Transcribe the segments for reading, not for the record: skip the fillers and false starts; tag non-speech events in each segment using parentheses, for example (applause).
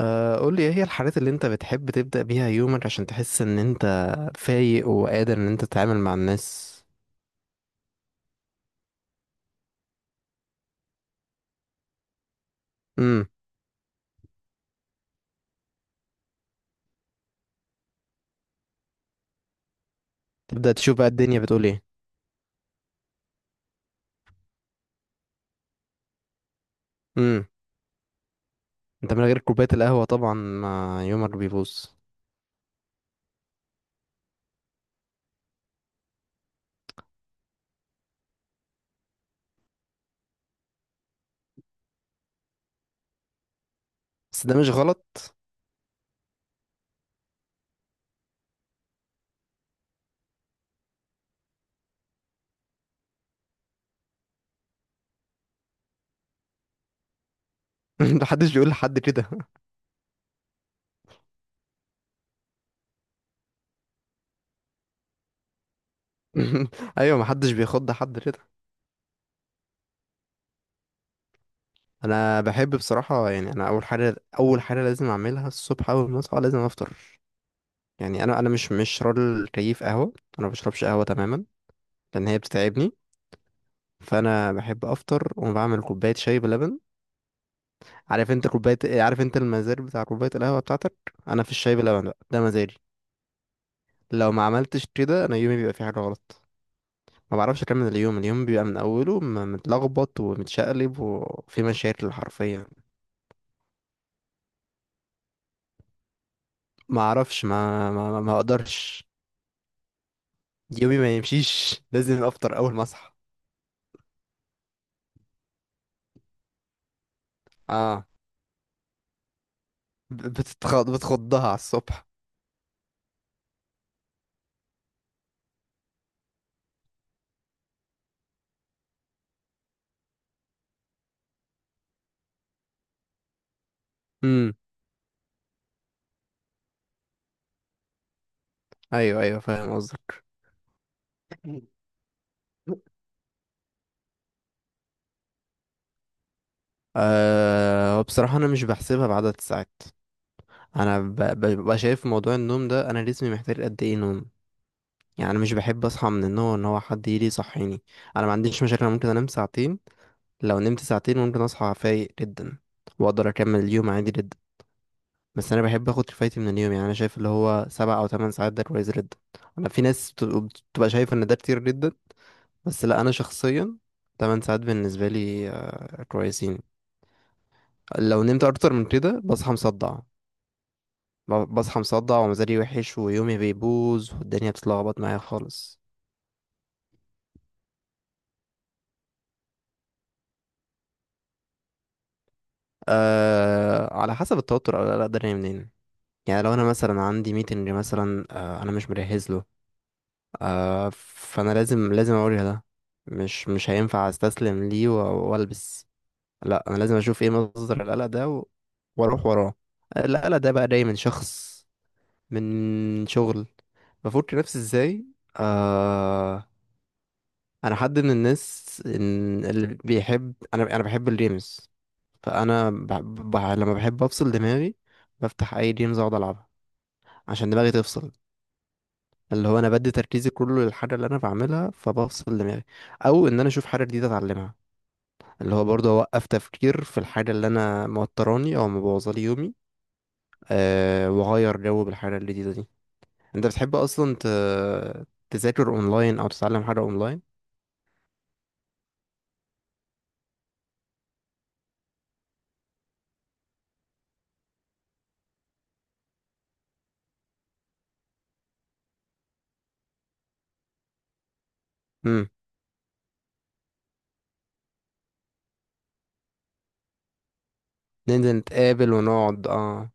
قول لي ايه هي الحاجات اللي انت بتحب تبدأ بيها يومك عشان تحس ان انت فايق وقادر ان انت تتعامل مع الناس. امم. تبدأ تشوف بقى الدنيا بتقول ايه؟ امم. انت من غير كوباية القهوة طبعا ما يومك بيبوظ. بس ده مش غلط. (laughs) محدش بيقول لحد كده. (laughs) ايوه، محدش بيخض حد كده. انا بحب بصراحة، يعني انا اول حاجة اول حاجة لازم اعملها الصبح، اول ما اصحى لازم افطر. يعني انا مش راجل كيف قهوة. انا ما بشربش قهوة تماما، لان هي بتتعبني. فانا بحب افطر وبعمل كوبايه شاي بلبن. عارف انت كوبايه إيه؟ عارف انت المزاج بتاع كوبايه القهوه بتاعتك. انا في الشاي بلبن بقى ده مزاجي. لو ما عملتش كده، انا يومي بيبقى فيه حاجه غلط. ما بعرفش اكمل اليوم. اليوم بيبقى من اوله متلخبط ومتشقلب وفي مشاكل حرفيا. ما اعرفش، ما اقدرش. يومي ما يمشيش، لازم افطر اول ما اصحى. اه، بتخضها على الصبح. امم. ايوه ايوه، فاهم قصدك. بصراحة أنا مش بحسبها بعدد الساعات. انا ببقى شايف في موضوع النوم ده انا جسمي محتاج قد ايه نوم. يعني انا مش بحب اصحى من النوم ان هو حد يجي يصحيني. انا ما عنديش مشاكل، انا ممكن انام ساعتين. لو نمت ساعتين ممكن اصحى فايق جدا واقدر اكمل اليوم عادي جدا. بس انا بحب اخد كفايتي من اليوم، يعني انا شايف اللي هو 7 او 8 ساعات ده كويس جدا. انا في ناس بتبقى شايفه ان ده كتير جدا. بس لا، انا شخصيا 8 ساعات بالنسبه لي كويسين. لو نمت اكتر من كده بصحى مصدع. بصحى مصدع ومزاجي وحش ويومي بيبوظ والدنيا بتتلخبط معايا خالص. على حسب التوتر أو القلق ده جاي منين. يعني لو انا مثلا عندي ميتنج، مثلا انا مش مجهز له، فانا لازم اوريها ده. مش هينفع استسلم ليه والبس. لا، انا لازم اشوف ايه مصدر القلق ده واروح وراه. القلق ده بقى جاي من شخص، من شغل. بفك نفسي ازاي؟ آه انا حد من الناس إن اللي بيحب، انا بحب الجيمز. فانا لما بحب افصل دماغي بفتح اي جيمز اقعد العبها عشان دماغي تفصل. اللي هو انا بدي تركيزي كله للحاجه اللي انا بعملها فبفصل دماغي. او ان انا اشوف حاجه جديده اتعلمها، اللي هو برضه اوقف تفكير في الحاجه اللي انا موتراني او مبوظالي يومي. واغير جو بالحاجه الجديده دي. انت بتحب اصلا تذاكر اونلاين او تتعلم حاجه اونلاين؟ امم. ننزل نتقابل ونقعد، اه.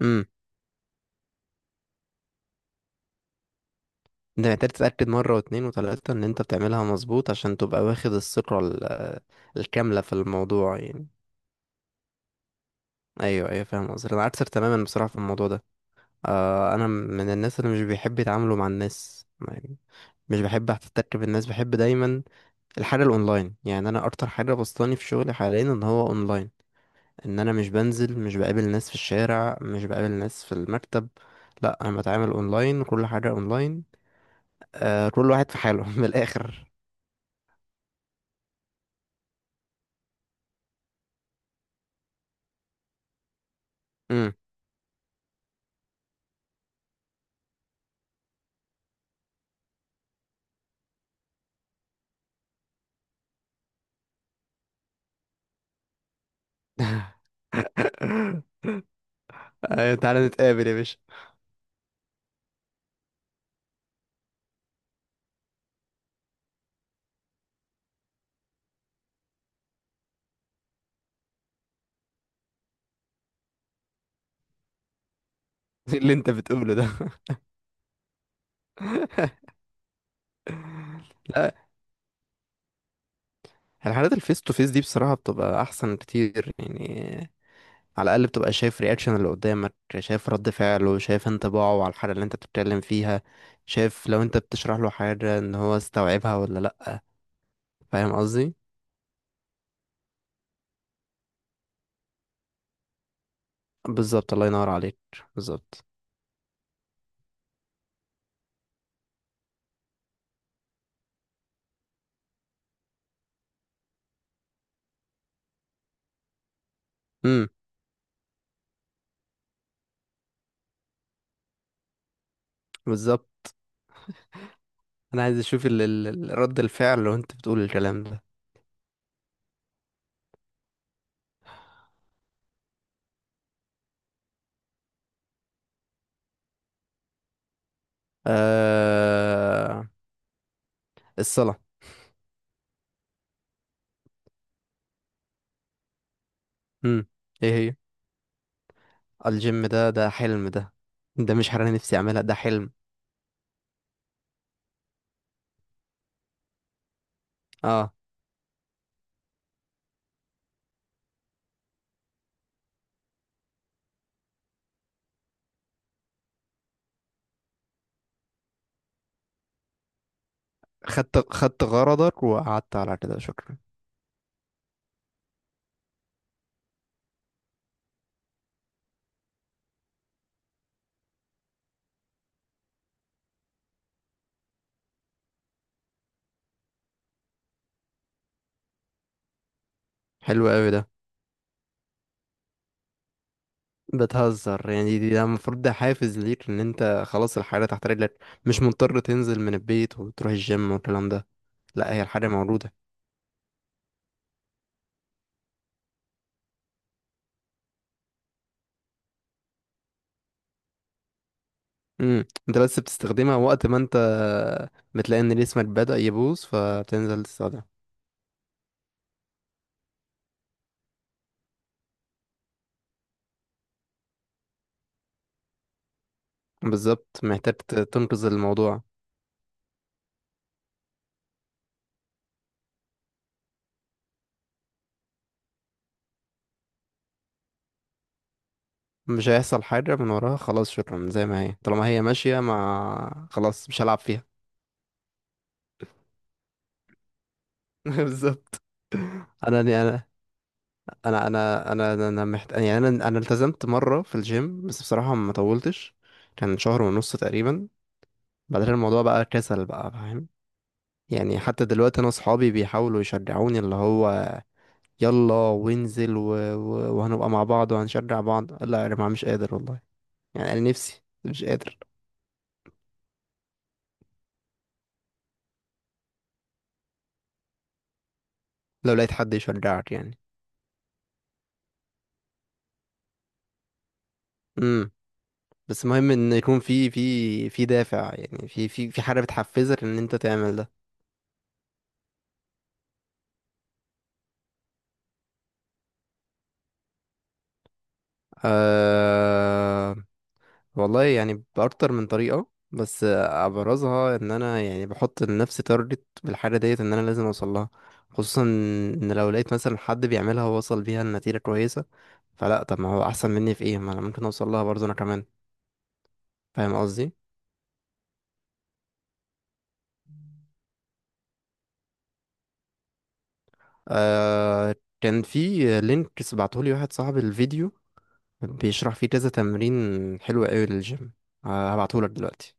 امم. انت محتاج تتأكد مرة واتنين وتلاتة ان انت بتعملها مظبوط عشان تبقى واخد الثقة الكاملة في الموضوع يعني. ايوه ايوه، فاهم قصدك. انا عكسك تماما بصراحة في الموضوع ده. انا من الناس اللي مش بيحب يتعاملوا مع الناس يعني. مش بحب احتك بالناس، بحب دايما الحاجة الاونلاين. يعني انا اكتر حاجة بسطاني في شغلي حاليا ان هو اونلاين. ان انا مش بنزل، مش بقابل ناس في الشارع، مش بقابل ناس في المكتب. لا، انا بتعامل اونلاين، كل حاجة اونلاين. كل واحد في حاله (laughs) من الاخر. امم. أيوة، تعالى نتقابل يا باشا. (laughs) إيه اللي انت بتقوله ده. (laughs) لا. الحالات الفيس تو فيس دي بصراحة بتبقى احسن كتير يعني. على الاقل بتبقى شايف رياكشن اللي قدامك، شايف رد فعله، شايف انطباعه على الحاجة اللي انت بتتكلم فيها، شايف لو انت بتشرح له حاجة ان هو استوعبها ولا لا. فاهم قصدي. بالظبط، الله ينور عليك. بالظبط. امم. بالظبط، انا عايز اشوف رد الفعل لو انت بتقول الكلام ده. آه... الصلاة. امم. ايه هي؟ الجيم ده حلم ده. ده مش حاجة أنا نفسي أعملها، ده حلم. اه. خدت خدت غرضك وقعدت على كده، شكرا. حلو قوي ده. بتهزر يعني، دي ده المفروض ده حافز ليك ان انت خلاص الحاجة تحت رجلك. مش مضطر تنزل من البيت وتروح الجيم والكلام ده. لا، هي الحاجة موجودة. انت بس بتستخدمها وقت ما انت بتلاقي ان جسمك بدأ يبوظ فبتنزل تستخدمها. بالظبط، محتاج تنقذ الموضوع. مش هيحصل حاجة من وراها، خلاص شكرا، زي ما هي طالما هي ماشية، ما خلاص مش هلعب فيها. (laughs) بالظبط. انا انا يعني انا التزمت مرة في الجيم، بس بصراحة ما طولتش. كان شهر ونص تقريبا. بعدين الموضوع بقى كسل بقى، فاهم؟ يعني حتى دلوقتي انا اصحابي بيحاولوا يشجعوني، اللي هو يلا وانزل وهنبقى مع بعض وهنشجع بعض. لا يا جماعة، مش قادر والله. يعني انا نفسي مش قادر. لو لقيت حد يشجعك يعني. امم. بس مهم ان يكون في دافع، يعني في حاجه بتحفزك ان انت تعمل ده. أه والله يعني باكتر من طريقه، بس ابرزها ان انا يعني بحط لنفسي تارجت بالحاجه ديت ان انا لازم اوصل لها. خصوصا ان لو لقيت مثلا حد بيعملها ووصل بيها لنتيجه كويسه، فلا طب ما هو احسن مني في ايه؟ ما انا ممكن اوصل لها برضه انا كمان. فاهم قصدي. أه كان في لينك بعتهولي واحد صاحبي، الفيديو بيشرح فيه كذا تمرين، حلو قوي للجيم. هبعتهولك دلوقتي.